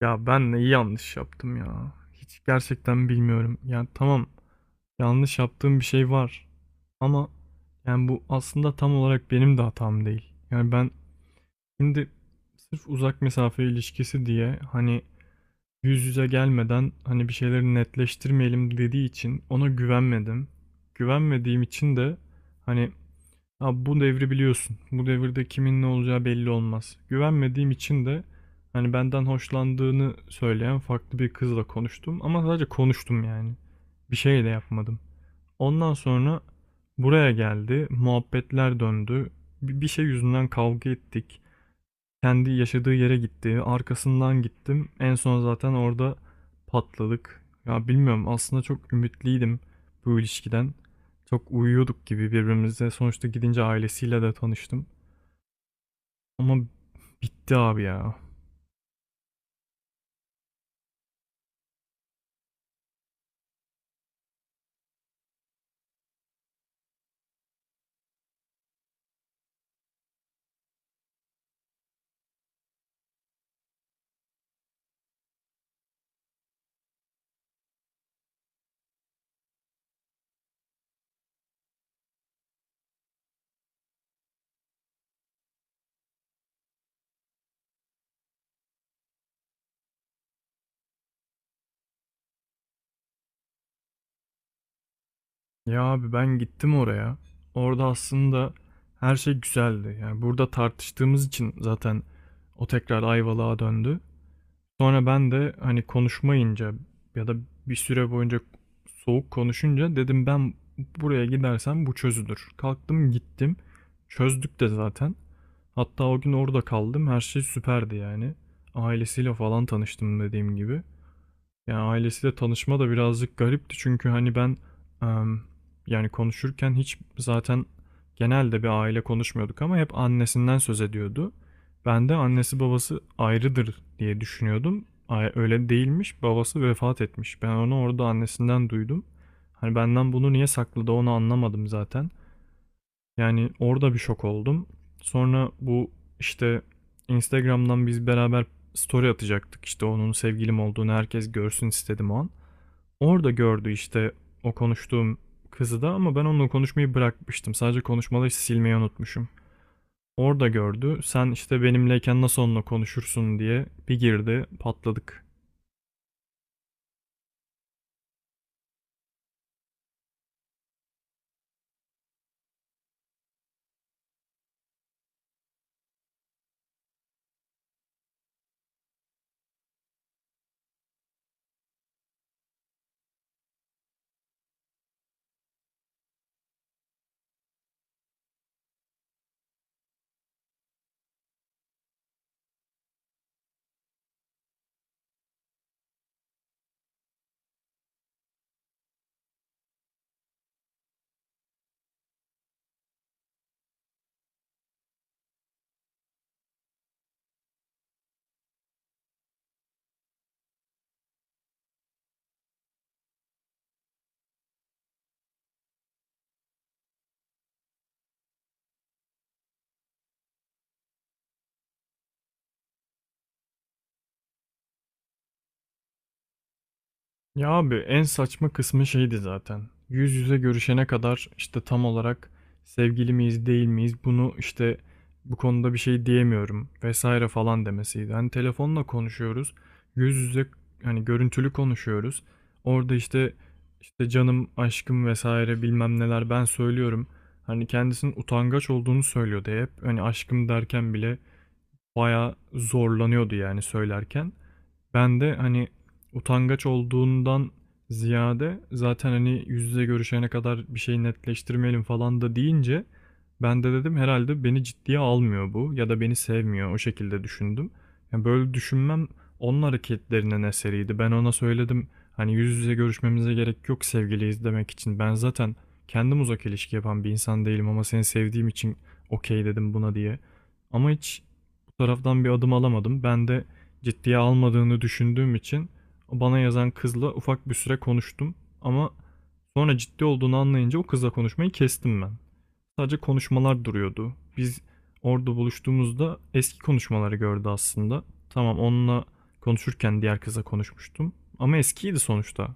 Ya ben neyi yanlış yaptım ya? Hiç gerçekten bilmiyorum. Yani tamam yanlış yaptığım bir şey var. Ama yani bu aslında tam olarak benim de hatam değil. Yani ben şimdi sırf uzak mesafe ilişkisi diye hani yüz yüze gelmeden hani bir şeyleri netleştirmeyelim dediği için ona güvenmedim. Güvenmediğim için de hani abi bu devri biliyorsun. Bu devirde kimin ne olacağı belli olmaz. Güvenmediğim için de hani benden hoşlandığını söyleyen farklı bir kızla konuştum. Ama sadece konuştum yani. Bir şey de yapmadım. Ondan sonra buraya geldi. Muhabbetler döndü. Bir şey yüzünden kavga ettik. Kendi yaşadığı yere gitti. Arkasından gittim. En son zaten orada patladık. Ya bilmiyorum, aslında çok ümitliydim bu ilişkiden. Çok uyuyorduk gibi birbirimize. Sonuçta gidince ailesiyle de tanıştım. Ama bitti abi ya. Ya abi ben gittim oraya. Orada aslında her şey güzeldi. Yani burada tartıştığımız için zaten o tekrar Ayvalık'a döndü. Sonra ben de hani konuşmayınca ya da bir süre boyunca soğuk konuşunca dedim ben buraya gidersem bu çözülür. Kalktım gittim. Çözdük de zaten. Hatta o gün orada kaldım. Her şey süperdi yani. Ailesiyle falan tanıştım dediğim gibi. Ya ailesiyle tanışma da birazcık garipti, çünkü hani ben em, yani konuşurken hiç zaten genelde bir aile konuşmuyorduk ama hep annesinden söz ediyordu. Ben de annesi babası ayrıdır diye düşünüyordum. Öyle değilmiş. Babası vefat etmiş. Ben onu orada annesinden duydum. Hani benden bunu niye sakladı, onu anlamadım zaten. Yani orada bir şok oldum. Sonra bu işte Instagram'dan biz beraber story atacaktık. İşte onun sevgilim olduğunu herkes görsün istedim o an. Orada gördü işte o konuştuğum kızı da, ama ben onunla konuşmayı bırakmıştım. Sadece konuşmaları işte silmeyi unutmuşum. Orada gördü. Sen işte benimleyken nasıl onunla konuşursun diye bir girdi, patladık. Ya abi en saçma kısmı şeydi zaten. Yüz yüze görüşene kadar işte tam olarak sevgili miyiz değil miyiz, bunu işte bu konuda bir şey diyemiyorum vesaire falan demesiydi. Hani telefonla konuşuyoruz. Yüz yüze hani görüntülü konuşuyoruz. Orada işte canım, aşkım vesaire bilmem neler ben söylüyorum. Hani kendisinin utangaç olduğunu söylüyordu hep. Hani aşkım derken bile bayağı zorlanıyordu yani söylerken. Ben de hani utangaç olduğundan ziyade zaten hani yüz yüze görüşene kadar bir şey netleştirmeyelim falan da deyince ben de dedim herhalde beni ciddiye almıyor bu, ya da beni sevmiyor, o şekilde düşündüm. Yani böyle düşünmem onun hareketlerinin eseriydi. Ben ona söyledim hani yüz yüze görüşmemize gerek yok sevgiliyiz demek için. Ben zaten kendim uzak ilişki yapan bir insan değilim ama seni sevdiğim için okey dedim buna diye. Ama hiç bu taraftan bir adım alamadım. Ben de ciddiye almadığını düşündüğüm için bana yazan kızla ufak bir süre konuştum, ama sonra ciddi olduğunu anlayınca o kızla konuşmayı kestim ben. Sadece konuşmalar duruyordu. Biz orada buluştuğumuzda eski konuşmaları gördü aslında. Tamam, onunla konuşurken diğer kıza konuşmuştum ama eskiydi sonuçta.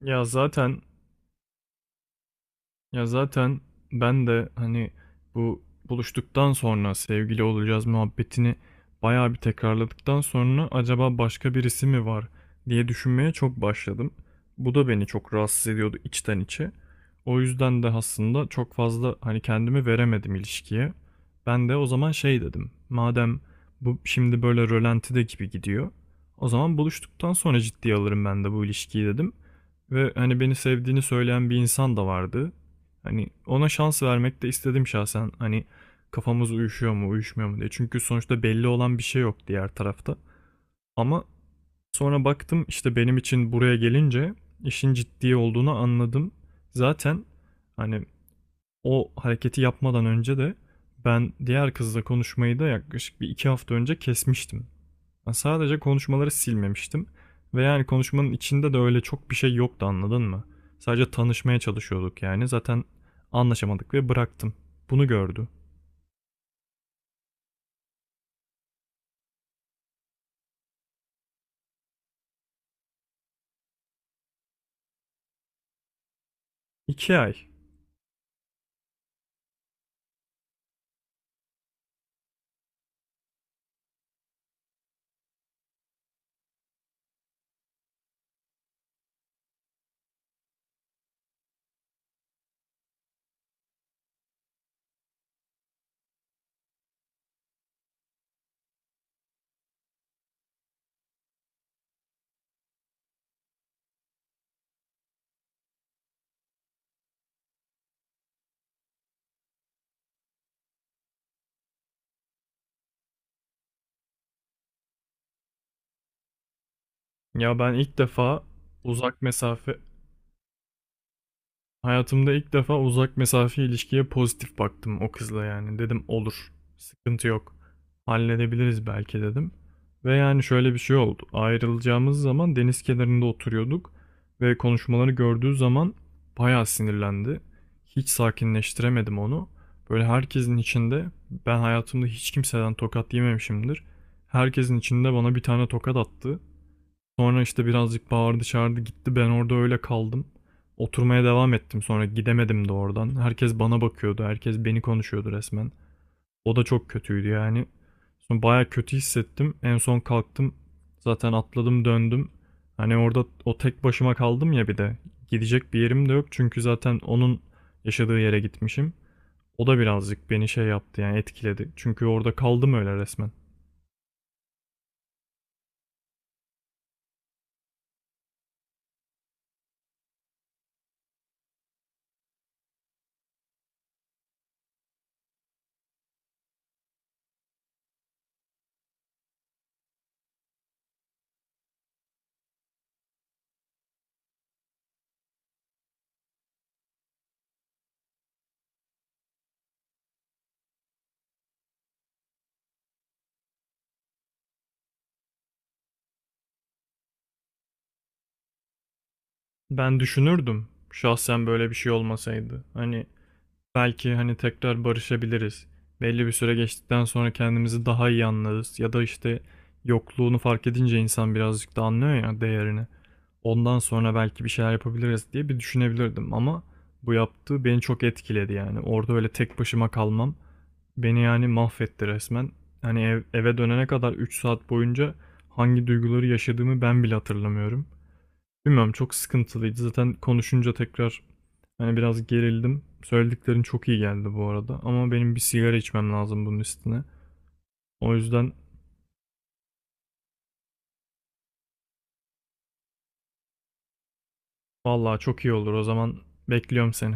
Ya zaten Ya zaten ben de hani bu buluştuktan sonra sevgili olacağız muhabbetini bayağı bir tekrarladıktan sonra acaba başka birisi mi var diye düşünmeye çok başladım. Bu da beni çok rahatsız ediyordu içten içe. O yüzden de aslında çok fazla hani kendimi veremedim ilişkiye. Ben de o zaman şey dedim. Madem bu şimdi böyle rölantide gibi gidiyor. O zaman buluştuktan sonra ciddiye alırım ben de bu ilişkiyi dedim. Ve hani beni sevdiğini söyleyen bir insan da vardı. Hani ona şans vermek de istedim şahsen. Hani kafamız uyuşuyor mu, uyuşmuyor mu diye. Çünkü sonuçta belli olan bir şey yok diğer tarafta. Ama sonra baktım işte, benim için buraya gelince işin ciddi olduğunu anladım. Zaten hani o hareketi yapmadan önce de ben diğer kızla konuşmayı da yaklaşık bir iki hafta önce kesmiştim. Ben sadece konuşmaları silmemiştim. Ve yani konuşmanın içinde de öyle çok bir şey yoktu, anladın mı? Sadece tanışmaya çalışıyorduk yani. Zaten anlaşamadık ve bıraktım. Bunu gördü. 2 ay. Ya ben ilk defa uzak mesafe, hayatımda ilk defa uzak mesafe ilişkiye pozitif baktım o kızla yani. Dedim olur. Sıkıntı yok. Halledebiliriz belki dedim. Ve yani şöyle bir şey oldu. Ayrılacağımız zaman deniz kenarında oturuyorduk ve konuşmaları gördüğü zaman bayağı sinirlendi. Hiç sakinleştiremedim onu. Böyle herkesin içinde, ben hayatımda hiç kimseden tokat yememişimdir. Herkesin içinde bana bir tane tokat attı. Sonra işte birazcık bağırdı çağırdı gitti. Ben orada öyle kaldım. Oturmaya devam ettim, sonra gidemedim de oradan. Herkes bana bakıyordu. Herkes beni konuşuyordu resmen. O da çok kötüydü yani. Sonra baya kötü hissettim. En son kalktım. Zaten atladım döndüm. Hani orada o tek başıma kaldım ya bir de. Gidecek bir yerim de yok çünkü zaten onun yaşadığı yere gitmişim. O da birazcık beni şey yaptı yani etkiledi. Çünkü orada kaldım öyle resmen. Ben düşünürdüm şahsen böyle bir şey olmasaydı. Hani belki hani tekrar barışabiliriz. Belli bir süre geçtikten sonra kendimizi daha iyi anlarız. Ya da işte yokluğunu fark edince insan birazcık da anlıyor ya değerini. Ondan sonra belki bir şeyler yapabiliriz diye bir düşünebilirdim ama bu yaptığı beni çok etkiledi yani. Orada öyle tek başıma kalmam beni yani mahvetti resmen. Hani eve dönene kadar 3 saat boyunca hangi duyguları yaşadığımı ben bile hatırlamıyorum. Bilmiyorum, çok sıkıntılıydı. Zaten konuşunca tekrar hani biraz gerildim. Söylediklerin çok iyi geldi bu arada. Ama benim bir sigara içmem lazım bunun üstüne. O yüzden vallahi çok iyi olur. O zaman bekliyorum seni.